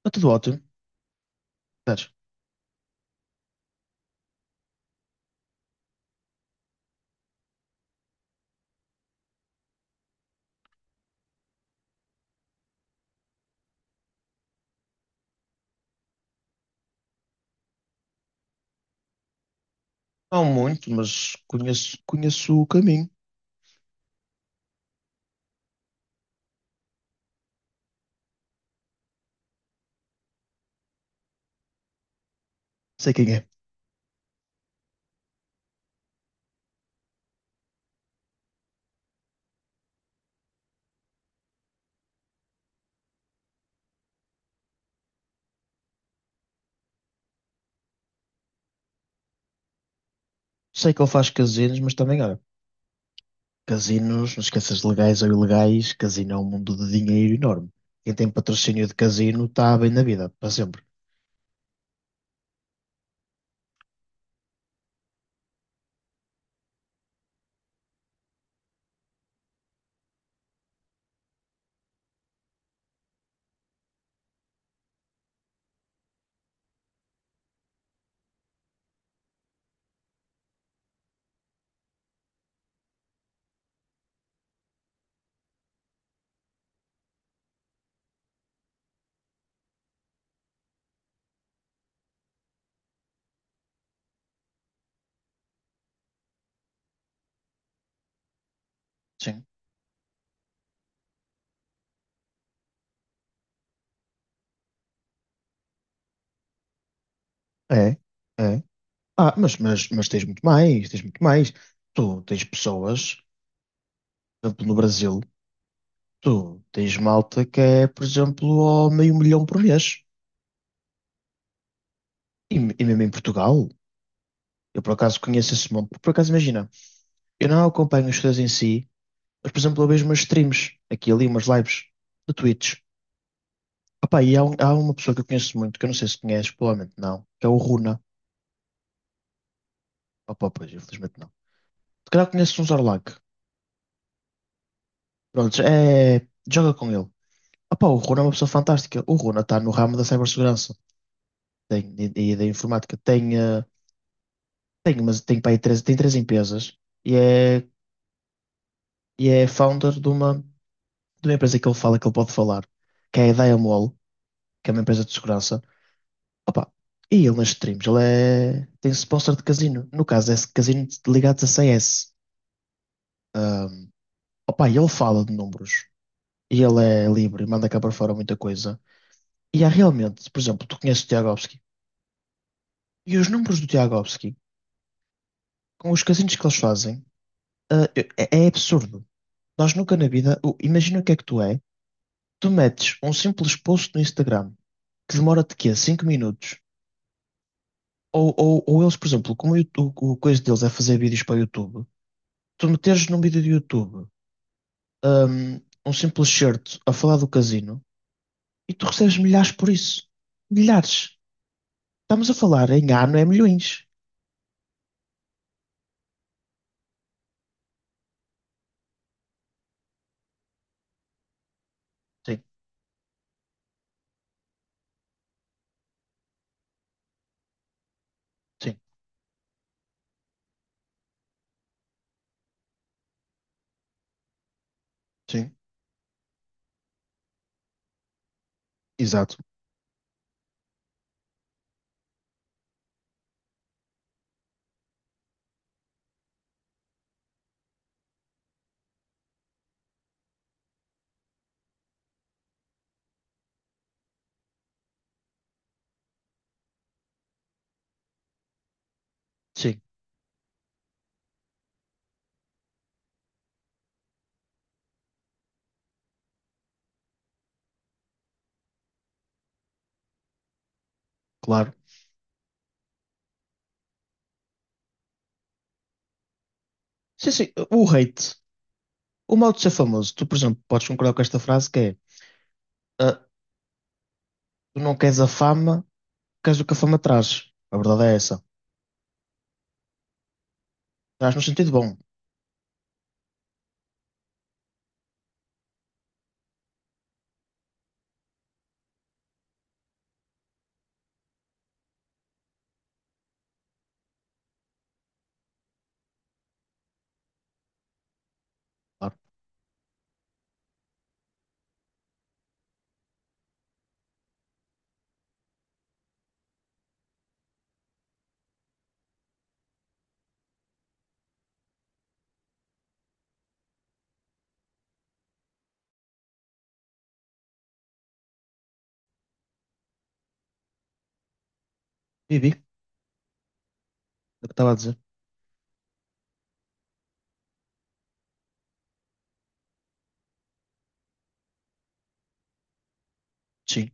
Está tudo ótimo. Espera. Não muito, mas conheço o caminho. Sei quem é. Sei que ele faz casinos, mas também, olha, casinos, não esqueças de legais ou ilegais, casino é um mundo de dinheiro enorme. Quem tem patrocínio de casino está bem na vida, para sempre. Sim. É, é. Ah, mas tens muito mais, tens muito mais. Tu tens pessoas, por exemplo, no Brasil, tu tens malta que é, por exemplo, ao meio milhão por mês. E mesmo em Portugal, eu por acaso conheço esse mundo, por acaso imagina. Eu não acompanho os shows em si, mas, por exemplo, eu vejo umas streams, aqui e ali, umas lives de Twitch. Opá, e há uma pessoa que eu conheço muito, que eu não sei se conheces, provavelmente não, que é o Runa. Opá, pois, infelizmente não. Se calhar conheces um Zorlac. Pronto, joga com ele. Opá, o Runa é uma pessoa fantástica. O Runa está no ramo da cibersegurança, tem, e da informática. Tem, tem, umas, tem, pá, aí três, tem três empresas e é founder de uma, empresa que ele fala, que ele pode falar, que é a Diamol, que é uma empresa de segurança. Opa, e ele nas streams, ele tem sponsor de casino. No caso, é casino ligados a CS. Ahm, opa, e ele fala de números. E ele é livre e manda cá para fora muita coisa. E há realmente, por exemplo, tu conheces o Tiagovski. E os números do Tiagovski, com os casinos que eles fazem, ah, é absurdo. Nós nunca na vida, imagina o que é que tu é. Tu metes um simples post no Instagram que demora-te quê? Cinco minutos. Ou eles, por exemplo, como o coisa deles é fazer vídeos para o YouTube, tu meteres num vídeo do YouTube um, um simples certo a falar do casino e tu recebes milhares por isso. Milhares. Estamos a falar em ano é milhões. Sim, sim, sim. Exato. Sim, claro. Sim, sim. O hate, o modo de ser famoso, tu, por exemplo, podes concordar com esta frase que é ah, tu não queres a fama, queres o que a fama traz. A verdade é essa. Traz no sentido bom. Claro. Vivi, é o que estava a dizer. Sim,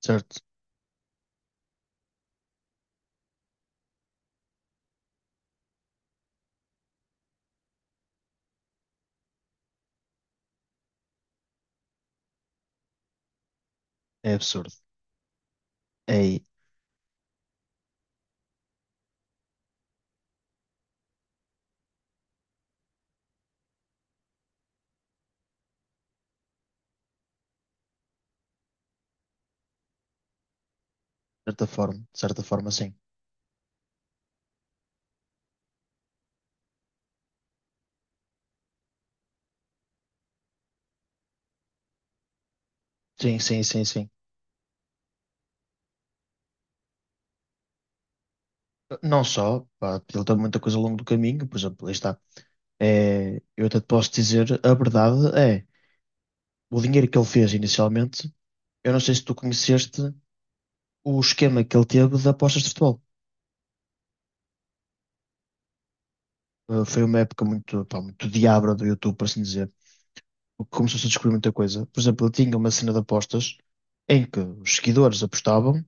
certo. É absurdo. É aí, de certa forma, sim. Sim, sim, sim, sim. Não só, pá, ele tem muita coisa ao longo do caminho, por exemplo, aí está. É, eu até te posso dizer, a verdade é, o dinheiro que ele fez inicialmente, eu não sei se tu conheceste o esquema que ele teve de apostas de futebol. Foi uma época muito, pá, muito diabra do YouTube, por assim dizer, porque começou-se a descobrir muita coisa. Por exemplo, ele tinha uma cena de apostas em que os seguidores apostavam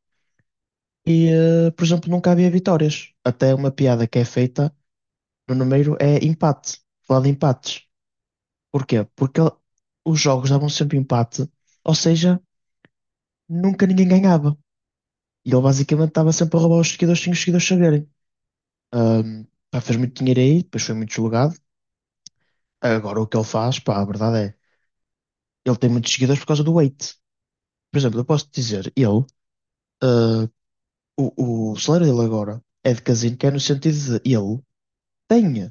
e, por exemplo, nunca havia vitórias. Até uma piada que é feita no número é empate, falar de empates. Porquê? Porque os jogos davam sempre empate, ou seja, nunca ninguém ganhava. E ele basicamente estava sempre a roubar os seguidores sem os seguidores saberem. Ahm, pá, fez muito dinheiro aí, depois foi muito julgado. Agora o que ele faz, pá, a verdade é, ele tem muitos seguidores por causa do weight. Por exemplo, eu posso dizer, ele, ah, o salário dele agora é de casino, que é no sentido de ele tem,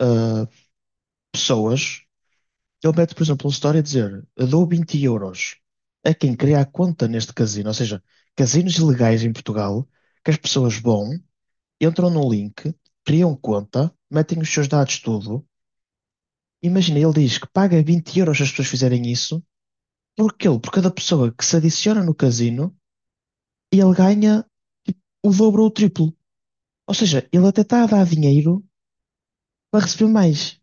ah, pessoas. Ele mete, por exemplo, uma história a dizer: dou 20 euros a quem cria a conta neste casino, ou seja, casinos ilegais em Portugal, que as pessoas vão, entram no link, criam conta, metem os seus dados tudo. Imagina, ele diz que paga 20 euros se as pessoas fizerem isso, porque ele, por cada pessoa que se adiciona no casino, ele ganha, tipo, o dobro ou o triplo. Ou seja, ele até está a dar dinheiro para receber mais.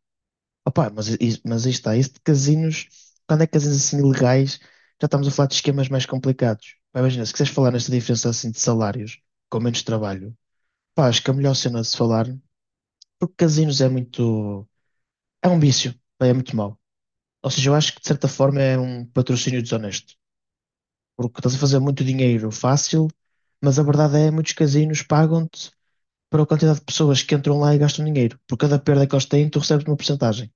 Opa, mas, mas aí está, isso de casinos, quando é casinos assim ilegais, já estamos a falar de esquemas mais complicados. Pá, imagina, se quiseres falar nesta diferença assim de salários, com menos trabalho, pá, acho que é a melhor cena de se falar, porque casinos é muito, é um vício, pá, é muito mau. Ou seja, eu acho que de certa forma é um patrocínio desonesto, porque estás a fazer muito dinheiro fácil, mas a verdade é, que muitos casinos pagam-te para a quantidade de pessoas que entram lá e gastam dinheiro. Por cada perda que eles têm, tu recebes uma porcentagem.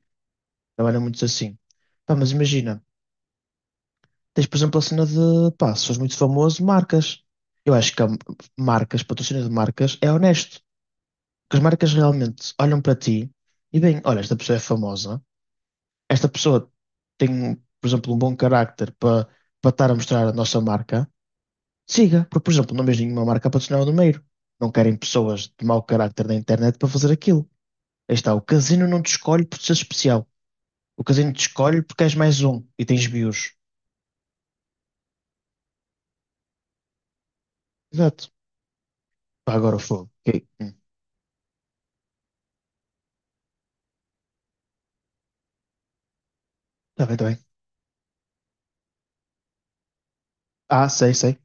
Trabalham muito assim. Pá, mas imagina. Tens, por exemplo, a cena de, pá, se fores muito famoso, marcas. Eu acho que marcas, patrocínio de marcas, é honesto. Porque as marcas realmente olham para ti e bem, olha, esta pessoa é famosa, esta pessoa tem, por exemplo, um bom carácter para estar a mostrar a nossa marca. Siga, porque, por exemplo, não vejo nenhuma marca a patrocinar o Numeiro. Não querem pessoas de mau carácter na internet para fazer aquilo. Aí está, o casino não te escolhe por ser especial. O casino te escolhe porque és mais um e tens views. Exato. Pá, agora o fogo. Ok. Hum. Tá bem, tá bem. Ah, sei, sei.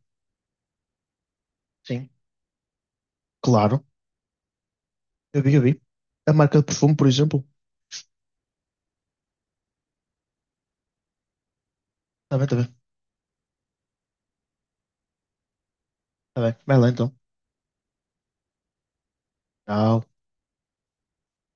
Sim, claro. Eu vi, eu vi. A marca de perfume, por exemplo. Está bem, está bem. Está bem. Vai lá então. Tchau.